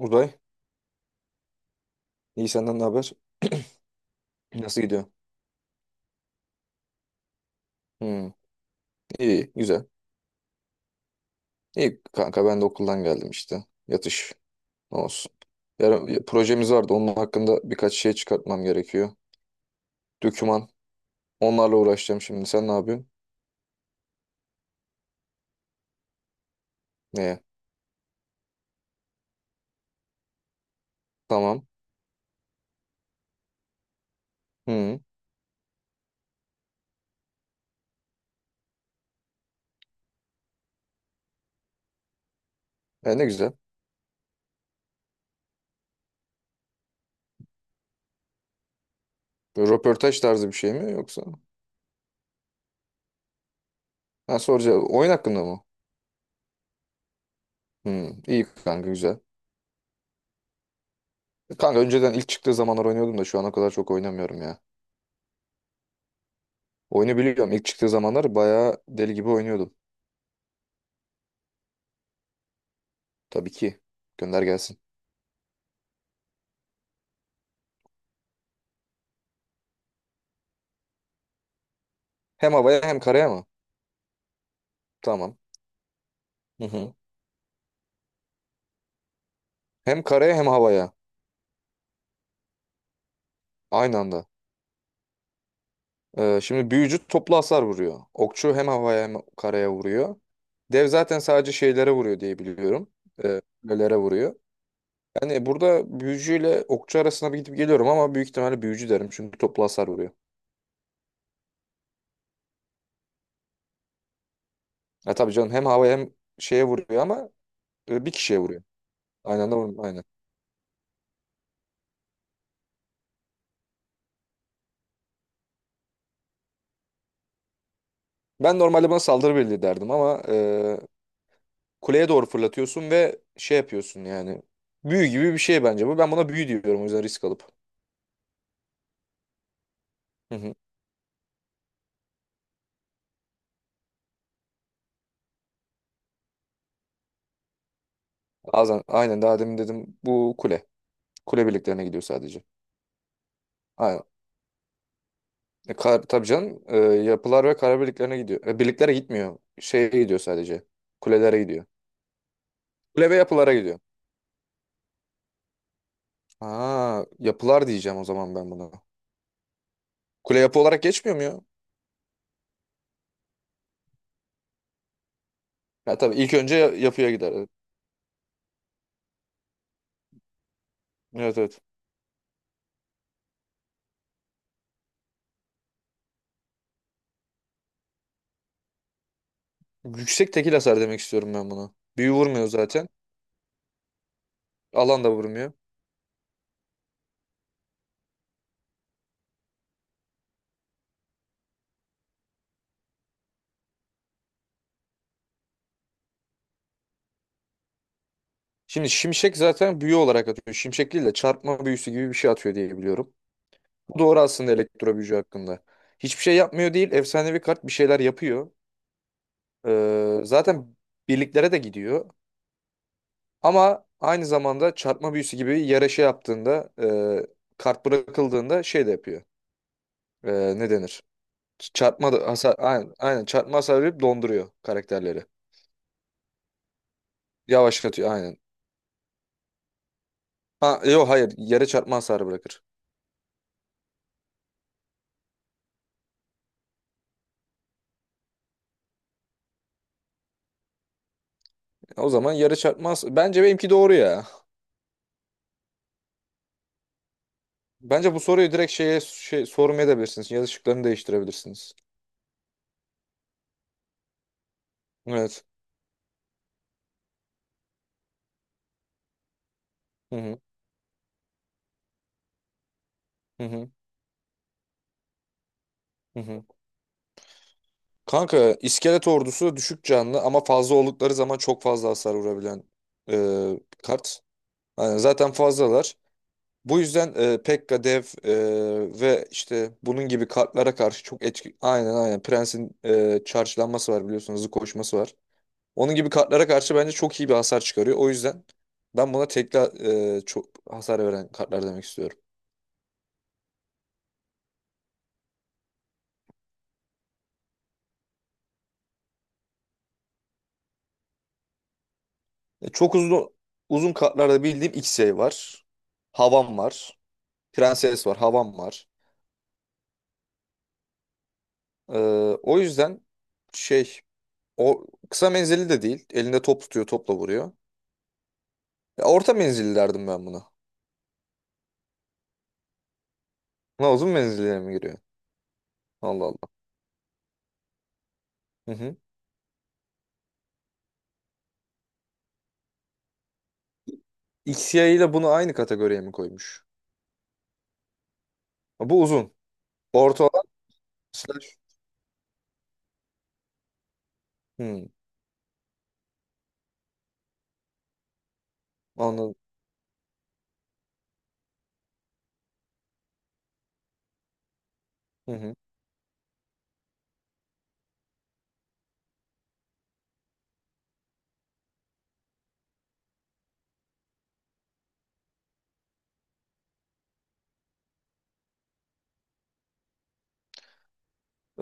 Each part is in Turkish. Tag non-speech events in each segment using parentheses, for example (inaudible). Uzay, iyi senden ne haber? Nasıl gidiyor? Hmm. iyi, güzel. İyi kanka ben de okuldan geldim işte. Yatış, ne olsun. Yarın projemiz vardı, onun hakkında birkaç şey çıkartmam gerekiyor. Döküman, onlarla uğraşacağım şimdi. Sen ne yapıyorsun? Ne? Tamam. Hmm. E ne güzel. Böyle röportaj tarzı bir şey mi yoksa? Ha, soracağım, oyun hakkında mı? İyi kanka güzel. Kanka önceden ilk çıktığı zamanlar oynuyordum da şu ana kadar çok oynamıyorum ya. Oyunu biliyorum. İlk çıktığı zamanlar bayağı deli gibi oynuyordum. Tabii ki. Gönder gelsin. Hem havaya hem karaya mı? Tamam. Hı hı. Hem karaya hem havaya. Aynı anda. Şimdi büyücü toplu hasar vuruyor. Okçu hem havaya hem karaya vuruyor. Dev zaten sadece şeylere vuruyor diye biliyorum. Kulelere vuruyor. Yani burada büyücüyle okçu arasına bir gidip geliyorum ama büyük ihtimalle büyücü derim. Çünkü toplu hasar vuruyor. Ya tabii canım hem havaya hem şeye vuruyor ama bir kişiye vuruyor. Aynı anda vurmuyor. Aynen. Ben normalde buna saldırı birliği derdim ama kuleye doğru fırlatıyorsun ve şey yapıyorsun yani. Büyü gibi bir şey bence bu. Ben buna büyü diyorum o yüzden risk alıp. Hı hı. Bazen, aynen daha demin dedim bu kule. Kule birliklerine gidiyor sadece. Aynen. Tabii canım yapılar ve kara birliklerine gidiyor. Birliklere gitmiyor. Şeye gidiyor sadece. Kulelere gidiyor. Kule ve yapılara gidiyor. Ha, yapılar diyeceğim o zaman ben buna. Kule yapı olarak geçmiyor mu ya? Ya tabii ilk önce yapıya gider. Evet, evet, evet. Yüksek tekil hasar demek istiyorum ben buna. Büyü vurmuyor zaten. Alan da vurmuyor. Şimdi şimşek zaten büyü olarak atıyor. Şimşek değil de çarpma büyüsü gibi bir şey atıyor diye biliyorum. Bu doğru aslında elektro büyücü hakkında. Hiçbir şey yapmıyor değil. Efsanevi kart bir şeyler yapıyor. Zaten birliklere de gidiyor. Ama aynı zamanda çarpma büyüsü gibi yere şey yaptığında e, kart bırakıldığında şey de yapıyor. Ne denir? Çarpma da hasar, aynen, aynen çarpma hasarı verip donduruyor karakterleri. Yavaşlatıyor aynen. Ha, yok, hayır, yere çarpma hasarı bırakır. O zaman yarı çarpmaz. Bence benimki doğru ya. Bence bu soruyu direkt şeye şey, sormaya da bilirsiniz. Yazı şıklarını değiştirebilirsiniz. Evet. Hı hı. Hı hı. Hı hı. Kanka iskelet ordusu düşük canlı ama fazla oldukları zaman çok fazla hasar vurabilen kart. Yani zaten fazlalar. Bu yüzden Pekka, Dev ve işte bunun gibi kartlara karşı çok etki... Aynen, aynen. Prens'in charge'lanması var biliyorsunuz. Hızlı koşması var. Onun gibi kartlara karşı bence çok iyi bir hasar çıkarıyor. O yüzden ben buna tekli çok hasar veren kartlar demek istiyorum. Çok uzun uzun kartlarda bildiğim Xey var. Havan var. Prenses var. Havan var. Ee, O yüzden şey o kısa menzilli de değil. Elinde top tutuyor, topla vuruyor. Ya, orta menzilli derdim ben buna. Ne, uzun menzilliye mi giriyor? Allah Allah. Hı hı. Xey ile bunu aynı kategoriye mi koymuş? Ha, bu uzun. Orta olan slash. Hmm, Anladım. Hı hı.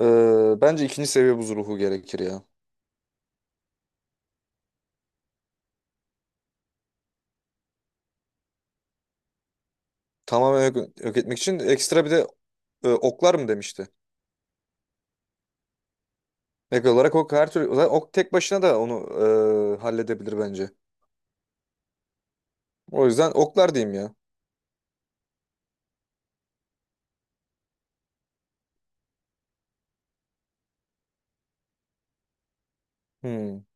Bence ikinci seviye buz ruhu gerekir ya. Tamamen yok, yok etmek için ekstra bir de oklar mı demişti? Ek olarak ok her türlü zaten ok tek başına da onu halledebilir bence. O yüzden oklar diyeyim ya. Hmm.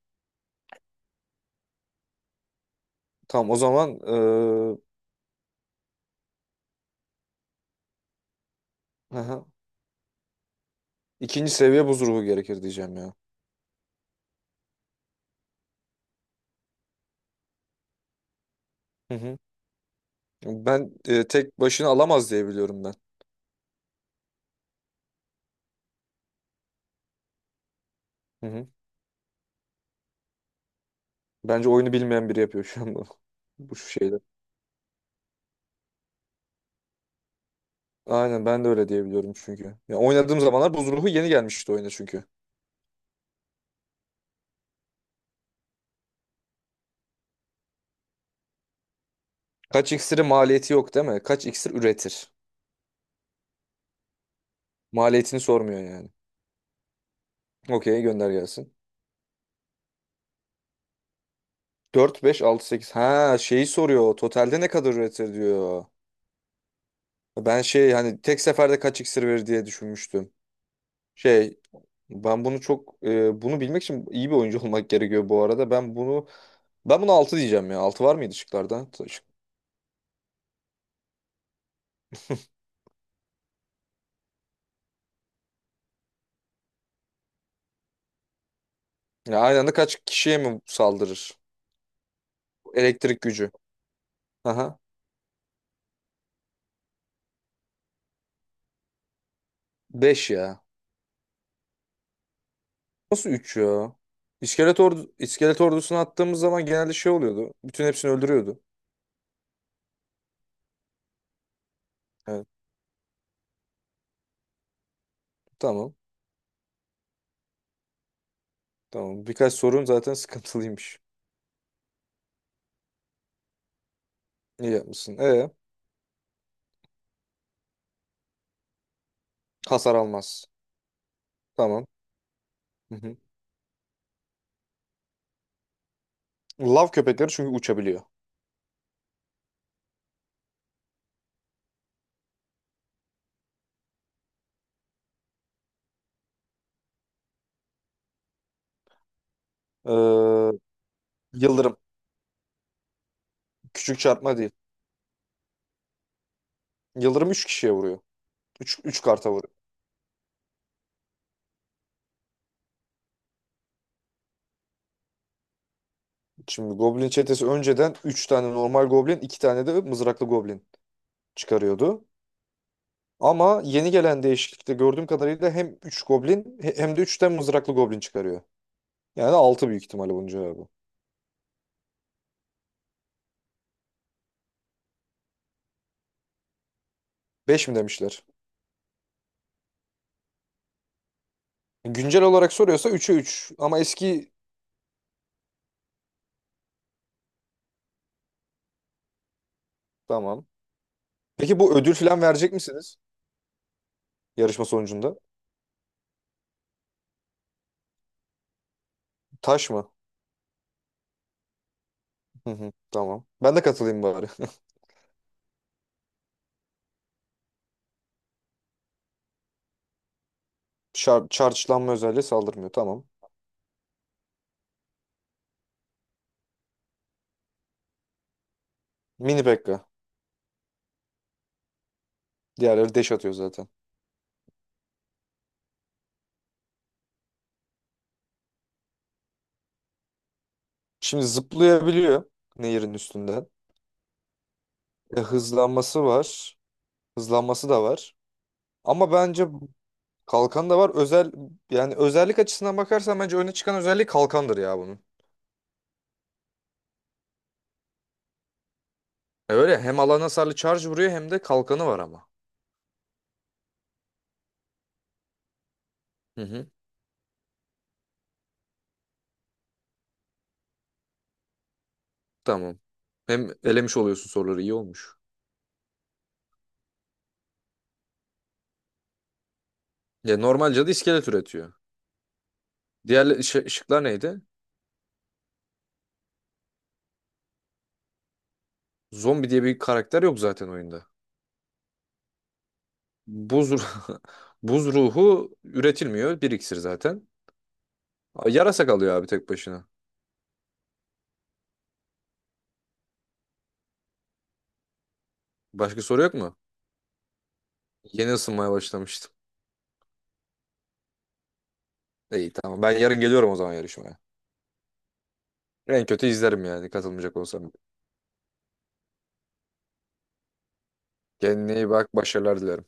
Tamam o zaman aha. ikinci seviye buz ruhu gerekir diyeceğim ya. Hı hı. Ben tek başına alamaz diye biliyorum ben. Hı hı. Bence oyunu bilmeyen biri yapıyor şu an bunu. (laughs) Bu şu şeyler. Aynen ben de öyle diyebiliyorum çünkü. Ya oynadığım zamanlar buz ruhu yeni gelmişti oyuna çünkü. Kaç iksiri maliyeti yok değil mi? Kaç iksir üretir? Maliyetini sormuyor yani. Okey, gönder gelsin. Dört, beş, altı, sekiz. Ha, şeyi soruyor. Totalde ne kadar üretir diyor. Ben şey hani tek seferde kaç iksir verir diye düşünmüştüm. Şey, ben bunu çok bunu bilmek için iyi bir oyuncu (laughs) olmak gerekiyor bu arada. Ben bunu altı diyeceğim ya. Altı var mıydı şıklarda? Ya aynı anda kaç kişiye mi saldırır? Elektrik gücü. Aha. 5 ya. Nasıl 3 ya? İskelet ordusunu attığımız zaman genelde şey oluyordu. Bütün hepsini öldürüyordu. Evet. Tamam. Tamam. Birkaç sorun zaten (laughs) sıkıntılıymış. İyi yapmışsın. Hasar almaz. Tamam. Hı hı. Lav köpekleri çünkü uçabiliyor. Ee, Yıldırım. Küçük çarpma değil. Yıldırım 3 kişiye vuruyor. Üç üç karta vuruyor. Şimdi Goblin çetesi önceden 3 tane normal Goblin, 2 tane de mızraklı Goblin çıkarıyordu. Ama yeni gelen değişiklikte gördüğüm kadarıyla hem 3 Goblin hem de 3 tane mızraklı Goblin çıkarıyor. Yani 6 büyük ihtimalle bunun cevabı. Beş mi demişler? Güncel olarak soruyorsa 3'e 3. Ama eski... Tamam. Peki bu ödül falan verecek misiniz yarışma sonucunda? Taş mı? Hı hı, tamam. Ben de katılayım bari. (laughs) Charge'lanma özelliği saldırmıyor. Tamam. Mini Pekka. Diğerleri dash atıyor zaten. Şimdi zıplayabiliyor nehirin üstünden. Hızlanması var. Hızlanması da var. Ama bence kalkan da var. Özellik açısından bakarsan bence öne çıkan özelliği kalkandır ya bunun. Öyle hem alan hasarlı charge vuruyor hem de kalkanı var ama. Hı hı. Tamam. Hem elemiş oluyorsun, soruları iyi olmuş. Ya normalce de iskelet üretiyor. Diğer şıklar neydi? Zombi diye bir karakter yok zaten oyunda. Buz ru- (laughs) Buz ruhu üretilmiyor. Bir iksir zaten. Yarasa kalıyor abi tek başına. Başka soru yok mu? Yeni ısınmaya başlamıştım. İyi, tamam. Ben yarın geliyorum o zaman yarışmaya. En kötü izlerim yani katılmayacak olsam. Kendine iyi bak. Başarılar dilerim.